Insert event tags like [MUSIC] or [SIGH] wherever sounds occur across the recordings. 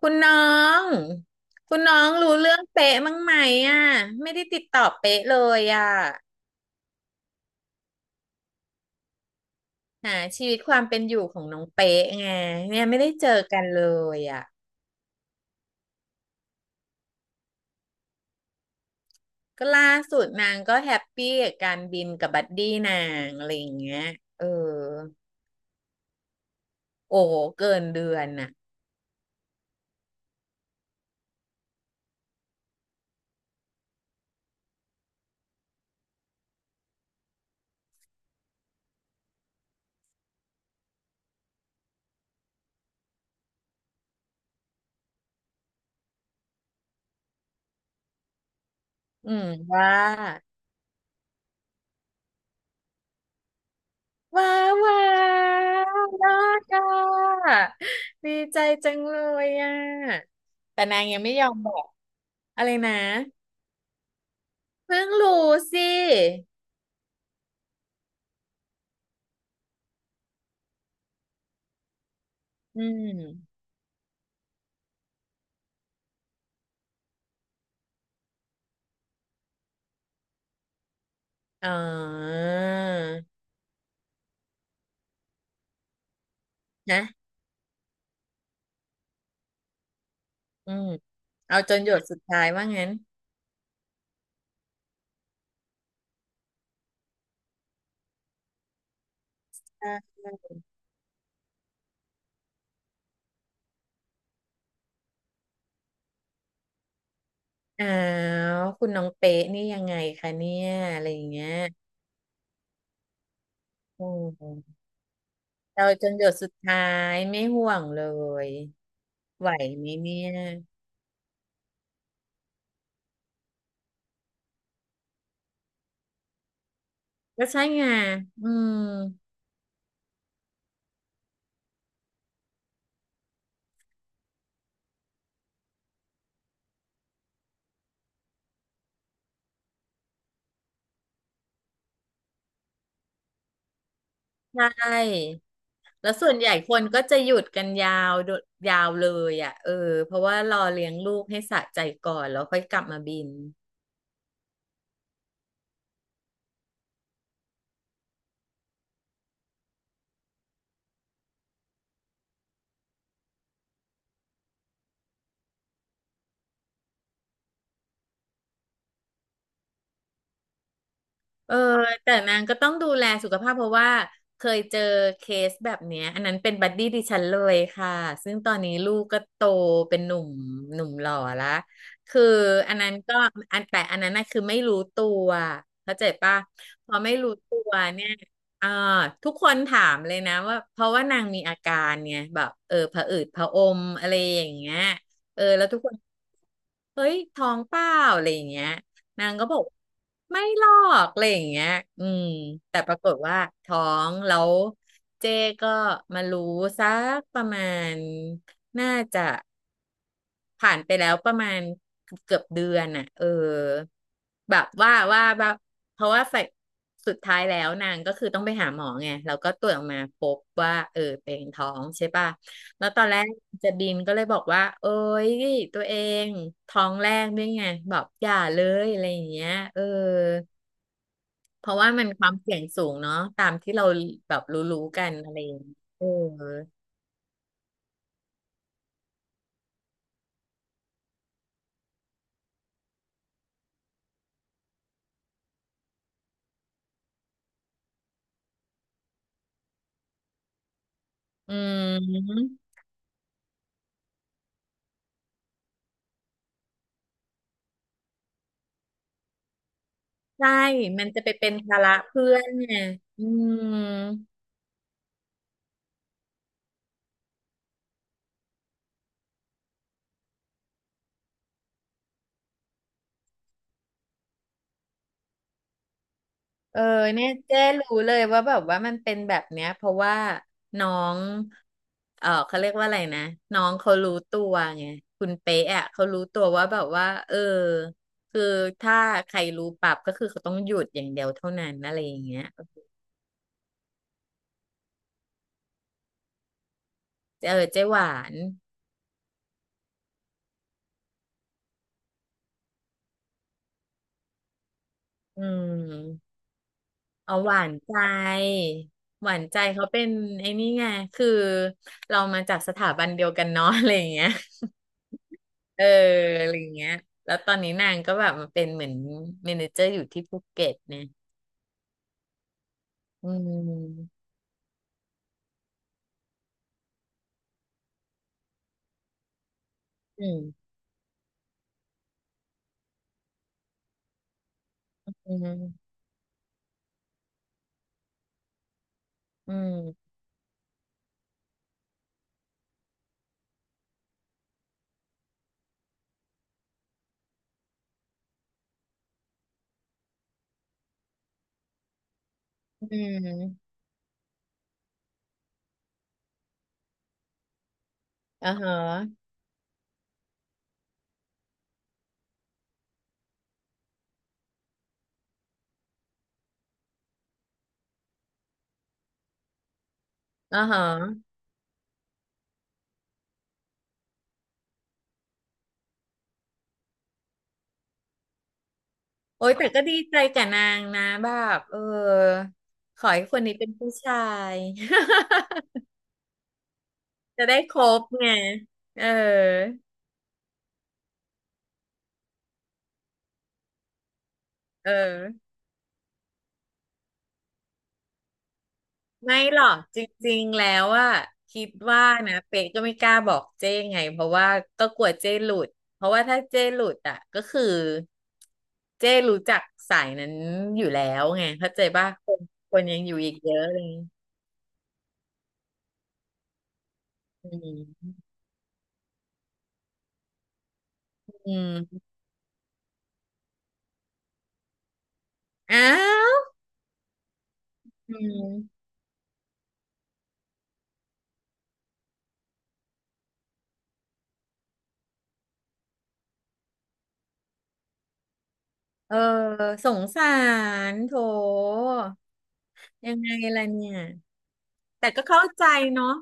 คุณน้องคุณน้องรู้เรื่องเป๊ะมั้างไหมอ่ะไม่ได้ติดต่อเป๊ะเลยอ่ะหาชีวิตความเป็นอยู่ของน้องเป๊ะไงเนี่ยไม่ได้เจอกันเลยอ่ะก็ล่าสุดนางก็แฮปปี้กับการบินกับบัดดี้นางอะไรอย่างเงี้ยเออโอ้โหเกินเดือนน่ะอืมว่าว้าวว้าวยอดอ่ะดีใจจังเลยอ่ะแต่นางยังไม่ยอมบอกอะไรนะ เพิ่งรู้สิอืมอ๋อนะอืมเอาจนหยดสุดท้ายว่างั้นอ้าวคุณน้องเป๊ะนี่ยังไงคะเนี่ยอะไรอย่างเงี้ยโอ้เราจนหยดสุดท้ายไม่ห่วงเลย ไหวไหมเนี่ยก็ใช่ไงอืมใช่แล้วส่วนใหญ่คนก็จะหยุดกันยาวโดยาวเลยอ่ะเออเพราะว่ารอเลี้ยงลูกให้สะใจก่อนแล้วค่อยกลับมาบิน เออแต่นางก็ต้องดูแลสุขภาพเพราะว่าเคยเจอเคสแบบเนี้ยอันนั้นเป็นบัดดี้ดิฉันเลยค่ะซึ่งตอนนี้ลูกก็โตเป็นหนุ่มหนุ่มหล่อละคืออันนั้นก็อันแต่อันนั้นน่ะคือไม่รู้ตัวเข้าใจปะพอไม่รู้ตัวเนี่ยอ่าทุกคนถามเลยนะว่าเพราะว่านางมีอาการเนี่ยแบบเออผะอืดผะอมอะไรอย่างเงี้ยเออแล้วทุกคนเฮ้ยท้องเปล่าอะไรอย่างเงี้ย นางก็บอกไม่หรอกอะไรอย่างเงี้ยอืมแต่ปรากฏว่าท้องแล้วเจ๊ก็มารู้สักประมาณน่าจะ ผ่านไปแล้วประมาณเกือบเดือนน่ะเออแบบว่าแบบเพราะว่าใส่สุดท้ายแล้วนางก็คือต้องไปหาหมอไงแล้วก็ตรวจออกมาพบว่าเออเป็นท้องใช่ป่ะแล้วตอนแรกจะดินก็เลยบอกว่าเอ้ยตัวเองท้องแรกด้วยไงบอกอย่าเลยอะไรอย่างเงี้ยเออเพราะว่ามันความเสี่ยงสูงเนาะตามที่เราแบบรู้ๆกันอะไรอย่างเงี้ยเอออืม ใช่มันจะไปเป็นภาระเพื่อนเนี่ยอืมเออเนี่ยเจ๊รู้เลยว่าแบบว่ามันเป็นแบบเนี้ยเพราะว่าน้อง เออเขาเรียกว่าอะไรนะน้องเขารู้ตัวไงคุณเป๊ะอ่ะเขารู้ตัวว่าแบบว่าเออคือถ้าใครรู้ปรับก็คือเขาต้องหยุดอย่างเดียวเท่านั้นอะไรอย่างเงี้ยเออเจ๊หวานอืมเอาหวานใจหวานใจเขาเป็นไอ้นี่ไงคือเรามาจากสถาบันเดียวกันเนาะอะไรอย่างเงี้ย เอออะไรอย่างเงี้ยแล้วตอนนี้นางก็แบบมาเป็นเหมือนเมเนเจอร์อยู่ที่ภูเก็ตเนี่ยอืมอืมอืมอืมอืมอ่าฮะอ่าฮะโอ้ยแต่ก็ดีใจกับนางนะแบบเออขอให้คนนี้เป็นผู้ชาย [LAUGHS] จะได้ครบไงเออเออ ไม่หรอกจริงๆแล้วอะคิดว่านะเป๊กก็ไม่กล้าบอกเจ้ไงเพราะว่าก็กลัวเจ้หลุดเพราะว่าถ้าเจ้หลุดอะก็คือเจ้รู้จักสายนั้นอยู่แล้วไงเข้าใจป่ะคนยังอยู่อีกเยอะเลยอืมอืมอ้าวอืมเออสงสารโถยังไงล่ะเนี่ยแต่ก็เข้าใจเนาะ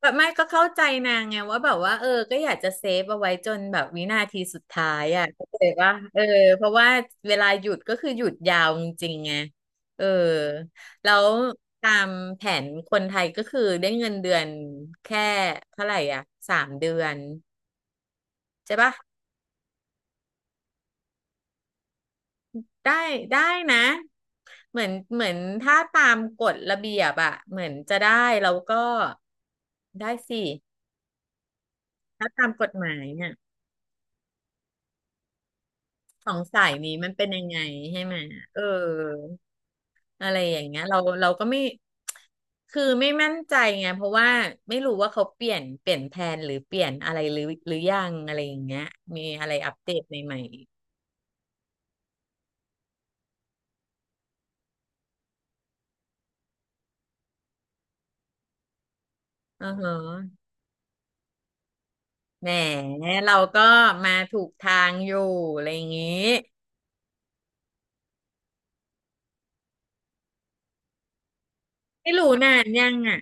แบบไม่ก็เข้าใจนางไงว่าแบบว่าเออก็อยากจะเซฟเอาไว้จนแบบวินาทีสุดท้ายอ่ะเข้าใจว่าเออเพราะว่าเวลาหยุดก็คือหยุดยาวจริงๆไงเออแล้วตามแผนคนไทยก็คือได้เงินเดือนแค่เท่าไหร่อ่ะสามเดือนใช่ปะได้ได้นะเหมือนถ้าตามกฎระเบียบอะเหมือนจะได้แล้วก็ได้สิถ้าตามกฎหมายเนี่ย ของสายนี้มันเป็นยังไงใช่ไหมเอออะไรอย่างเงี้ยเราก็ไม่คือไม่มั่นใจไงเพราะว่าไม่รู้ว่าเขาเปลี่ยนแผนหรือเปลี่ยนอะไรหรือยังอะไรอย่างเงี้ยมีอะไรอัปเดตใหม่ๆอือฮะแหมเราก็มาถูกทางอยู่อะไรอย่างงี้ไม่รู้นานยังอ่ะ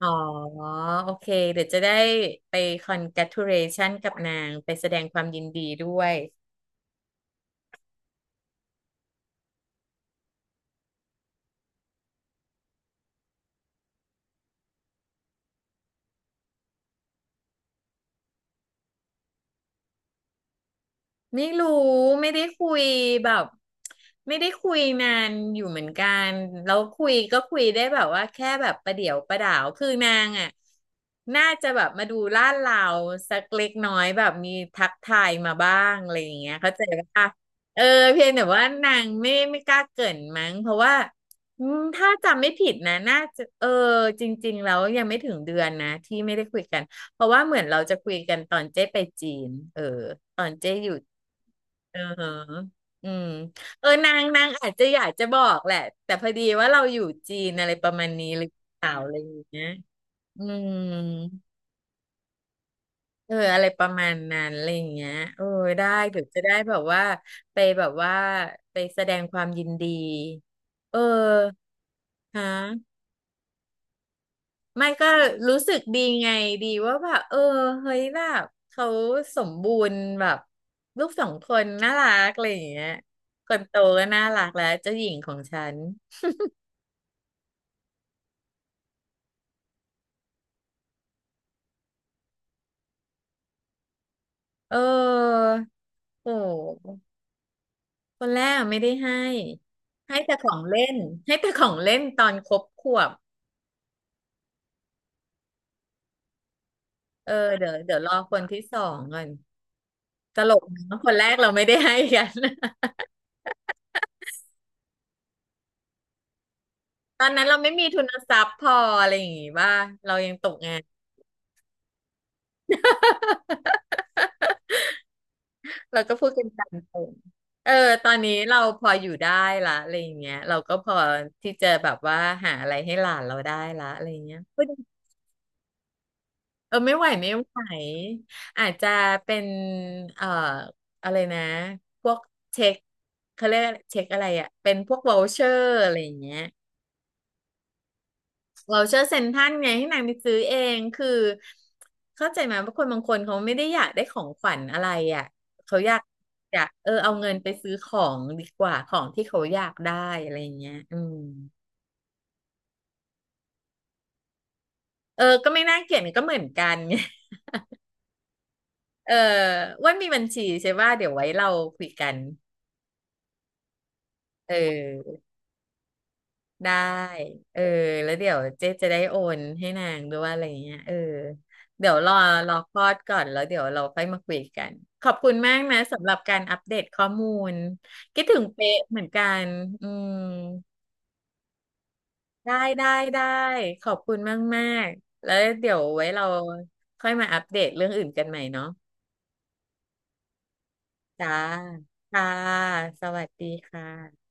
อ๋อโอเคเดี๋ยวจะได้ไป congratulation กับนางไปแสดงความยินดีด้วย ไม่รู้ไม่ได้คุยแบบไม่ได้คุยนานอยู่เหมือนกันแล้วคุยก็คุยได้แบบว่าแค่แบบประเดี๋ยวประดาวคือนางอ่ะน่าจะแบบมาดูลาดเลาสักเล็กน้อยแบบมีทักทายมาบ้างอะไรอย่างเงี้ยเข้าใจป่ะเออเพียงแต่ว่านางไม่กล้าเกริ่นมั้งเพราะว่าอืมถ้าจำไม่ผิดนะน่าจะเออจริงๆแล้วยังไม่ถึงเดือนนะที่ไม่ได้คุยกัน เพราะว่าเหมือนเราจะคุยกันตอนเจ๊ไปจีนเออตอนเจ๊อยู่เอออืมเออนางอาจจะอยากจะบอกแหละแต่พอดีว่าเราอยู่จีนอะไรประมาณนี้หรือเปล่าอะไรอย่างเงี้ยอืมเอออะไรประมาณนั้นอะไรอย่างเงี้ยเออได้เดี๋ยวจะได้แบบว่าไปแบบว่าไปแสดงความยินดีเออฮะ ไม่ก็รู้สึกดีไงดีว่าแบบเออเฮ้ยแบบเขาสมบูรณ์แบบลูกสองคนน่ารักอะไรอย่างเงี้ยคนโตก็น่ารักแล้วเจ้าหญิงของฉันเออโอ้คนแรกไม่ได้ให้ให้แต่ของเล่นให้แต่ของเล่นตอนครบขวบเออเดี๋ยวรอคนที่สองก่อนตลกนะคนแรกเราไม่ได้ให้กัน [LAUGHS] ตอนนั้นเราไม่มีทุนทรัพย์พออะไรอย่างงี้ว่าเรายังตกงาน เราก็พูดกันตามตรงเออตอนนี้เราพออยู่ได้ละอะไรอย่างเงี้ยเราก็พอที่จะแบบว่าหาอะไรให้หลานเราได้ละอะไรอย่างเงี้ยพูดเออไม่ไหวไม่ไหว อาจจะเป็นเอ่ออะไรนะพวกเช็คเขาเรียกเช็คอะไรอะเป็นพวก v o ลเชอร์อะไรอย่างเงี้ย เราเชอร์เซ็นทรัลไงให้นางไปซื้อเองคือเข้าใจไหมว่าคนบางคนเขาไม่ได้อยากได้ของขวัญอะไรอ่ะเขาอยากเออเอาเงินไปซื้อของดีกว่าของที่เขาอยากได้อะไรอย่างเงี้ยอืมเออก็ไม่น่าเกลียดก็เหมือนกันไง [LAUGHS] เอออ้ว่ามีบัญชีใช่ว่าเดี๋ยวไว้เราคุยกันเออ ได้เออแล้วเดี๋ยวเจ๊จะได้โอนให้นางด้วยอะไรอย่างเงี้ยเออเดี๋ยวรอคลอดก่อนแล้วเดี๋ยวเราค่อยมาคุยกันขอบคุณมากนะสำหรับการอัปเดตข้อมูลคิดถึงเป๊ะเหมือนกันอืมได้ได้ขอบคุณมากมากแล้วเดี๋ยวไว้เราค่อยมาอัปเดตเรื่องอื่นกันใหม่เนาะจ้าค่ะสวัสดีค่ะ